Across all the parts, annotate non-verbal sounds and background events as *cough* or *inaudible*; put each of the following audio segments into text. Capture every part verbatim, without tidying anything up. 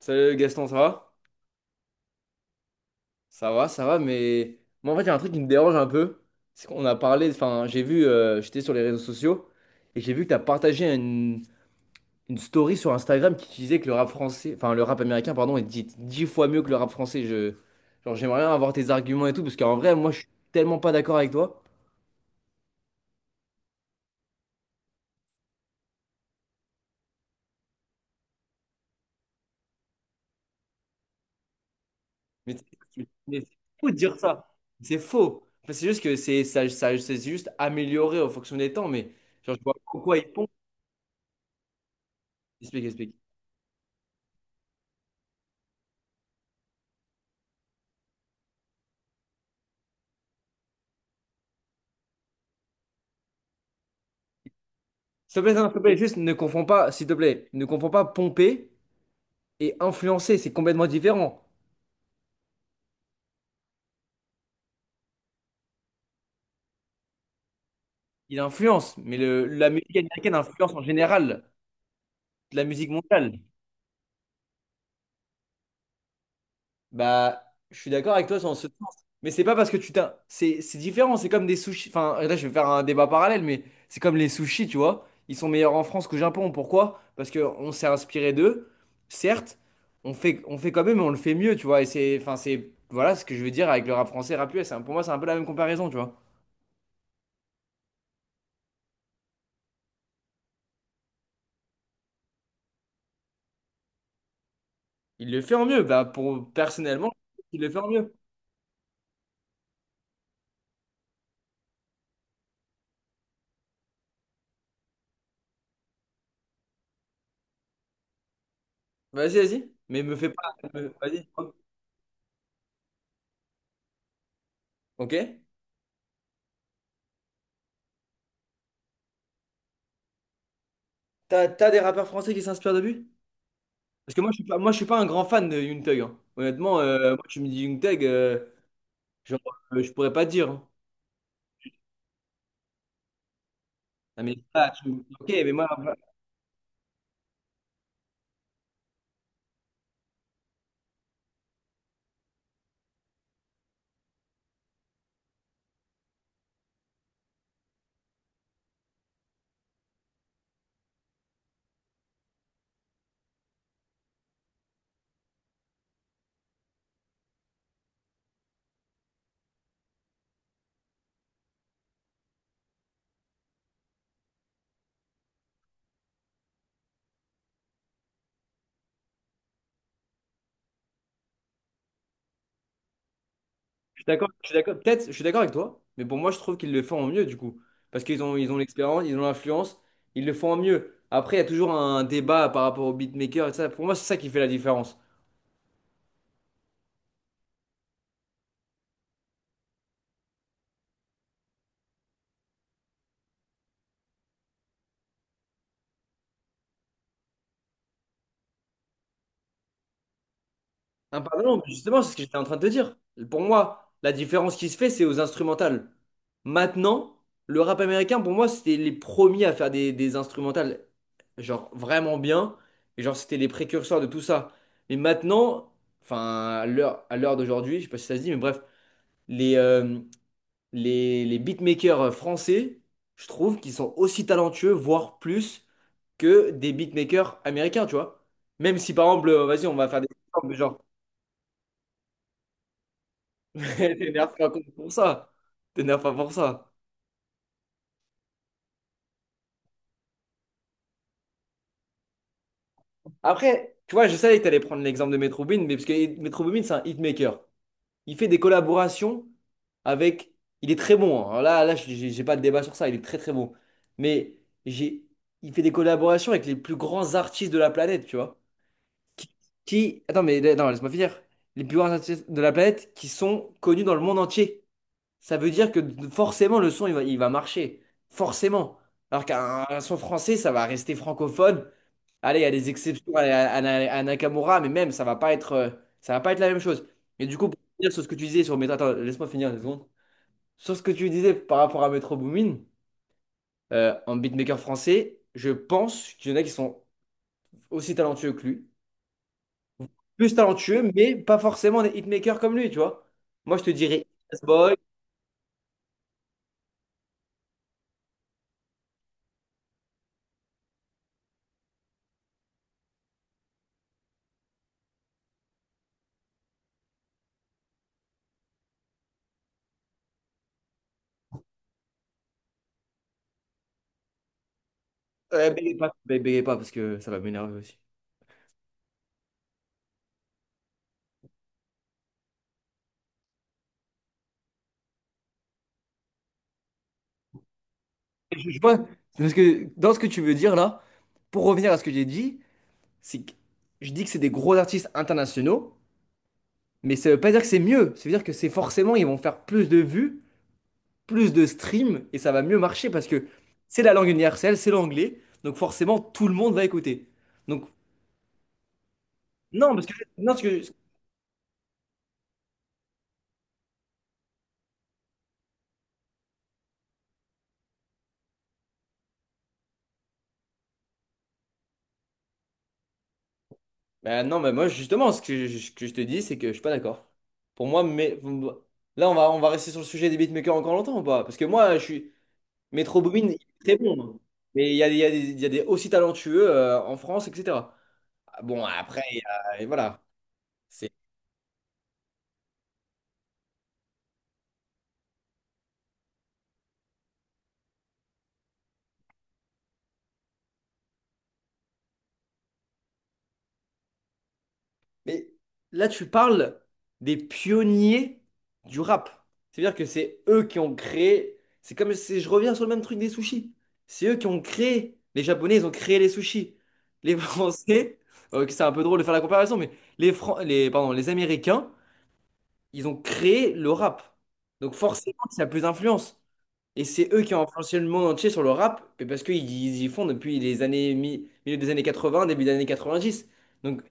Salut Gaston, ça va? Ça va, ça va, mais moi en fait, il y a un truc qui me dérange un peu. C'est qu'on a parlé, enfin, j'ai vu, euh, j'étais sur les réseaux sociaux et j'ai vu que tu as partagé une, une story sur Instagram qui disait que le rap français, enfin, le rap américain, pardon, est dix dix fois mieux que le rap français. Je, genre, j'aimerais bien avoir tes arguments et tout, parce qu'en vrai, moi, je suis tellement pas d'accord avec toi. Mais, mais c'est faux de dire ça. C'est faux. Enfin, c'est juste que c'est ça, ça- c'est juste amélioré en fonction des temps, mais genre, je vois pas pourquoi ils font. Explique, explique. S'il te plaît, non, s'il te plaît, juste ne confonds pas, s'il te plaît, ne confonds pas pomper et influencer, c'est complètement différent. Il influence, mais le, la musique américaine influence en général la musique mondiale. Bah, je suis d'accord avec toi dans ce sens. Mais c'est pas parce que tu t'as. C'est c'est différent, c'est comme des sushis. Enfin, là, je vais faire un débat parallèle, mais c'est comme les sushis, tu vois. Ils sont meilleurs en France qu'au Japon. Pourquoi? Parce qu'on s'est inspiré d'eux, certes, on fait, on fait quand même, mais on le fait mieux, tu vois. Et c'est. Enfin, c'est. Voilà ce que je veux dire avec le rap français, rap U S. C'est pour moi, c'est un peu la même comparaison, tu vois. Il le fait en mieux. Bah, pour, personnellement, il le fait en mieux. Vas-y, vas-y. Mais me fais pas. me- Vas-y. Ok? T'as, t'as des rappeurs français qui s'inspirent de lui? Parce que moi, je suis pas, moi, je suis pas un grand fan de Young Thug, hein. Honnêtement, euh, moi, tu me dis Young Thug, euh, genre, euh, je pourrais pas te dire, hein. Ah, mais ça, tu- ok, mais moi, voilà, je suis d'accord, je suis d'accord. Peut-être, je suis d'accord avec toi. Mais pour moi, je trouve qu'ils le font en mieux, du coup. Parce qu'ils ont, ils ont l'expérience, ils ont l'influence, ils le font en mieux. Après, il y a toujours un débat par rapport au beatmaker et ça. Pour moi, c'est ça qui fait la différence. Ah, pardon, mais justement, c'est ce que j'étais en train de te dire. Pour moi, la différence qui se fait, c'est aux instrumentales. Maintenant, le rap américain, pour moi, c'était les premiers à faire des, des instrumentales, genre vraiment bien. Et genre, c'était les précurseurs de tout ça. Mais maintenant, enfin, à l'heure, à l'heure d'aujourd'hui, je sais pas si ça se dit, mais bref, les, euh, les, les beatmakers français, je trouve qu'ils sont aussi talentueux, voire plus, que des beatmakers américains, tu vois. Même si, par exemple, euh, vas-y, on va faire des. Exemples, mais genre, *laughs* t'énerves pas contre- pour ça. T'énerves pas pour ça. Après, tu vois, je savais que t'allais prendre l'exemple de Metro Boomin, mais parce que Metro Boomin, c'est un hitmaker. Il fait des collaborations avec. Il est très bon, hein. Alors là, là, j'ai j'ai pas de débat sur ça. Il est très très bon. Mais j'ai, il fait des collaborations avec les plus grands artistes de la planète, tu vois. Qui, qui- Attends, mais non, laisse-moi finir. Les plus grands artistes de la planète qui sont connus dans le monde entier. Ça veut dire que forcément le son il va, il va marcher. Forcément. Alors qu'un un son français, ça va rester francophone. Allez, il y a des exceptions à, à- à- à Nakamura, mais même ça va pas être, euh, ça va pas être la même chose. Et du coup, pour finir sur ce que tu disais sur Metro, attends, laisse-moi finir une seconde. Sur ce que tu disais par rapport à Metro Boomin, euh, en beatmaker français, je pense qu'il y en a qui sont aussi talentueux que lui. Plus talentueux, mais pas forcément des hitmakers comme lui, tu vois. Moi, je te dirais Boy, euh, bégayez pas, bégayez pas parce que ça va m'énerver aussi. Je je vois, c'est parce que dans ce que tu veux dire là, pour revenir à ce que j'ai dit, c'est que je dis que c'est des gros artistes internationaux, mais ça veut pas dire que c'est mieux. Ça veut dire que c'est forcément, ils vont faire plus de vues, plus de streams, et ça va mieux marcher parce que c'est la langue universelle, c'est l'anglais, donc forcément tout le monde va écouter. Donc, non, parce que, non, ce que, bah, non, mais moi justement, ce que je, ce que je te dis, c'est que je suis pas d'accord. Pour moi, mais bon, là, on va, on va rester sur le sujet des beatmakers encore longtemps ou pas? Parce que moi, je suis. Metro Boomin, il est très bon, hein. Mais il y a, il y a des, il y a des aussi talentueux euh, en France, et cetera. Ah, bon, après, il y a- et voilà. C'est... Mais là, tu parles des pionniers du rap. C'est-à-dire que c'est eux qui ont créé. C'est comme si je reviens sur le même truc des sushis. C'est eux qui ont créé. Les Japonais, ils ont créé les sushis. Les *laughs* Français, euh, c'est un peu drôle de faire la comparaison, mais les, Fran- les, pardon, les Américains, ils ont créé le rap. Donc forcément, il y a plus d'influence. Et c'est eux qui ont influencé le monde entier sur le rap, mais parce qu'ils ils y font depuis les années, mi- milieu des années quatre-vingt, début des années quatre-vingt-dix. Donc,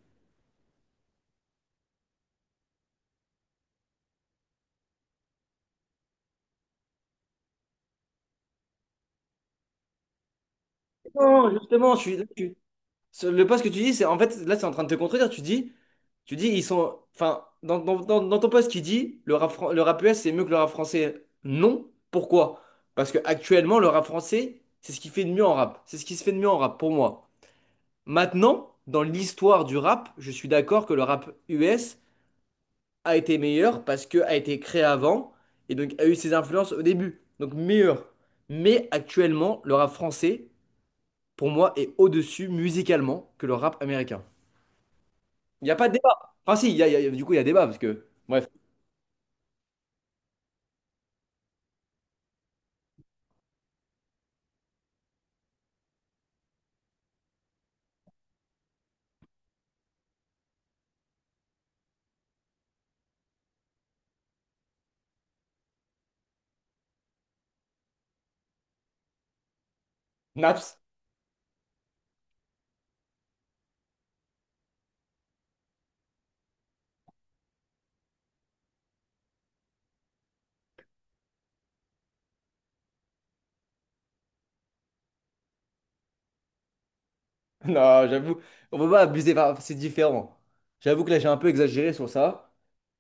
non, justement, je suis, tu- sur le post que tu dis, c'est en fait, là, c'est en train de te contredire. Tu dis, tu dis, ils sont, enfin, dans, dans- dans- dans ton post, qui dit, le rap, fran- le rap U S, c'est mieux que le rap français. Non. Pourquoi? Parce que actuellement, le rap français, c'est ce qui fait de mieux en rap. C'est ce qui se fait de mieux en rap, pour moi. Maintenant, dans l'histoire du rap, je suis d'accord que le rap U S a été meilleur parce que a été créé avant et donc a eu ses influences au début. Donc meilleur. Mais actuellement, le rap français, pour moi, est au-dessus musicalement que le rap américain. Il n'y a pas de débat. Enfin si, il y a- il y a- du coup, il y a débat parce que... Bref, Naps. *laughs* Non, j'avoue, on peut pas abuser, enfin, c'est différent. J'avoue que là, j'ai un peu exagéré sur ça.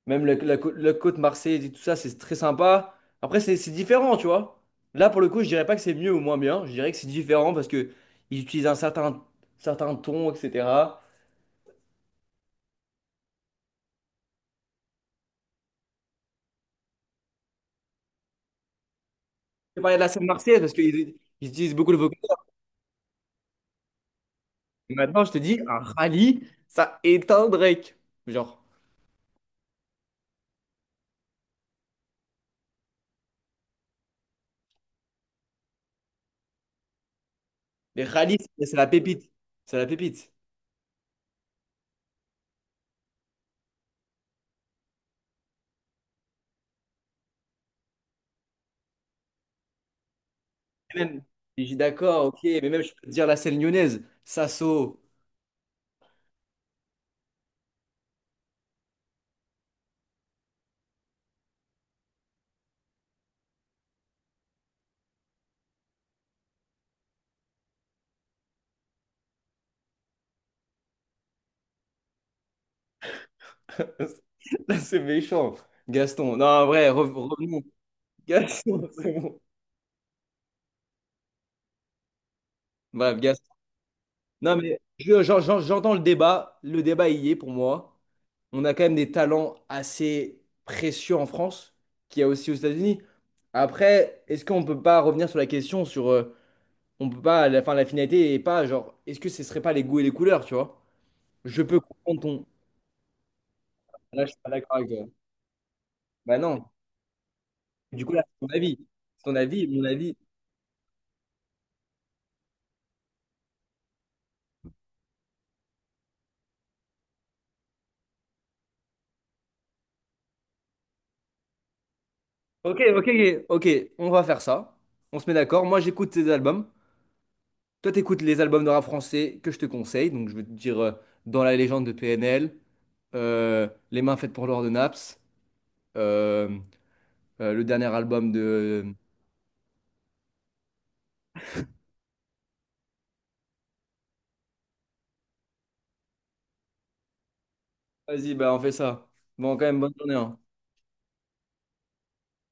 Même la, la cô- la côte marseillaise et tout ça, c'est très sympa. Après, c'est c'est différent, tu vois. Là, pour le coup, je dirais pas que c'est mieux ou moins bien. Je dirais que c'est différent parce que ils utilisent un certain, certain ton, et cetera. Je parlais de la scène marseillaise parce qu'ils ils utilisent beaucoup le vocabulaire. Et maintenant, je te dis, un rallye, ça éteint Drake. Genre, les rallyes, c'est c'est la pépite. C'est la pépite. Et même, je dis d'accord, ok, mais même, je peux te dire la scène lyonnaise, Sasso. *laughs* Là, c'est méchant, Gaston. Non, en vrai, rev- revenons. Gaston, *laughs* c'est bon. Bref, Gaston. Non, mais je- j'en- j'en- j'entends le débat. Le débat y est pour moi. On a quand même des talents assez précieux en France, qu'il y a aussi aux États-Unis. Après, est-ce qu'on peut pas revenir sur la question sur, euh, on peut pas, la, fin, la finalité et pas genre, est-ce que ce serait pas les goûts et les couleurs, tu vois? Je peux comprendre ton. Là, je suis pas d'accord avec toi. Bah non. Du coup, là, c'est ton avis. C'est ton avis, mon avis. Ok, ok, ok. Ok, on va faire ça. On se met d'accord. Moi, j'écoute tes albums. Toi, t'écoutes les albums de rap français que je te conseille. Donc, je vais te dire euh, Dans la légende de P N L, euh, Les mains faites pour l'or de Naps, euh, euh, le dernier album de. Vas-y, bah, on fait ça. Bon, quand même, bonne journée, hein.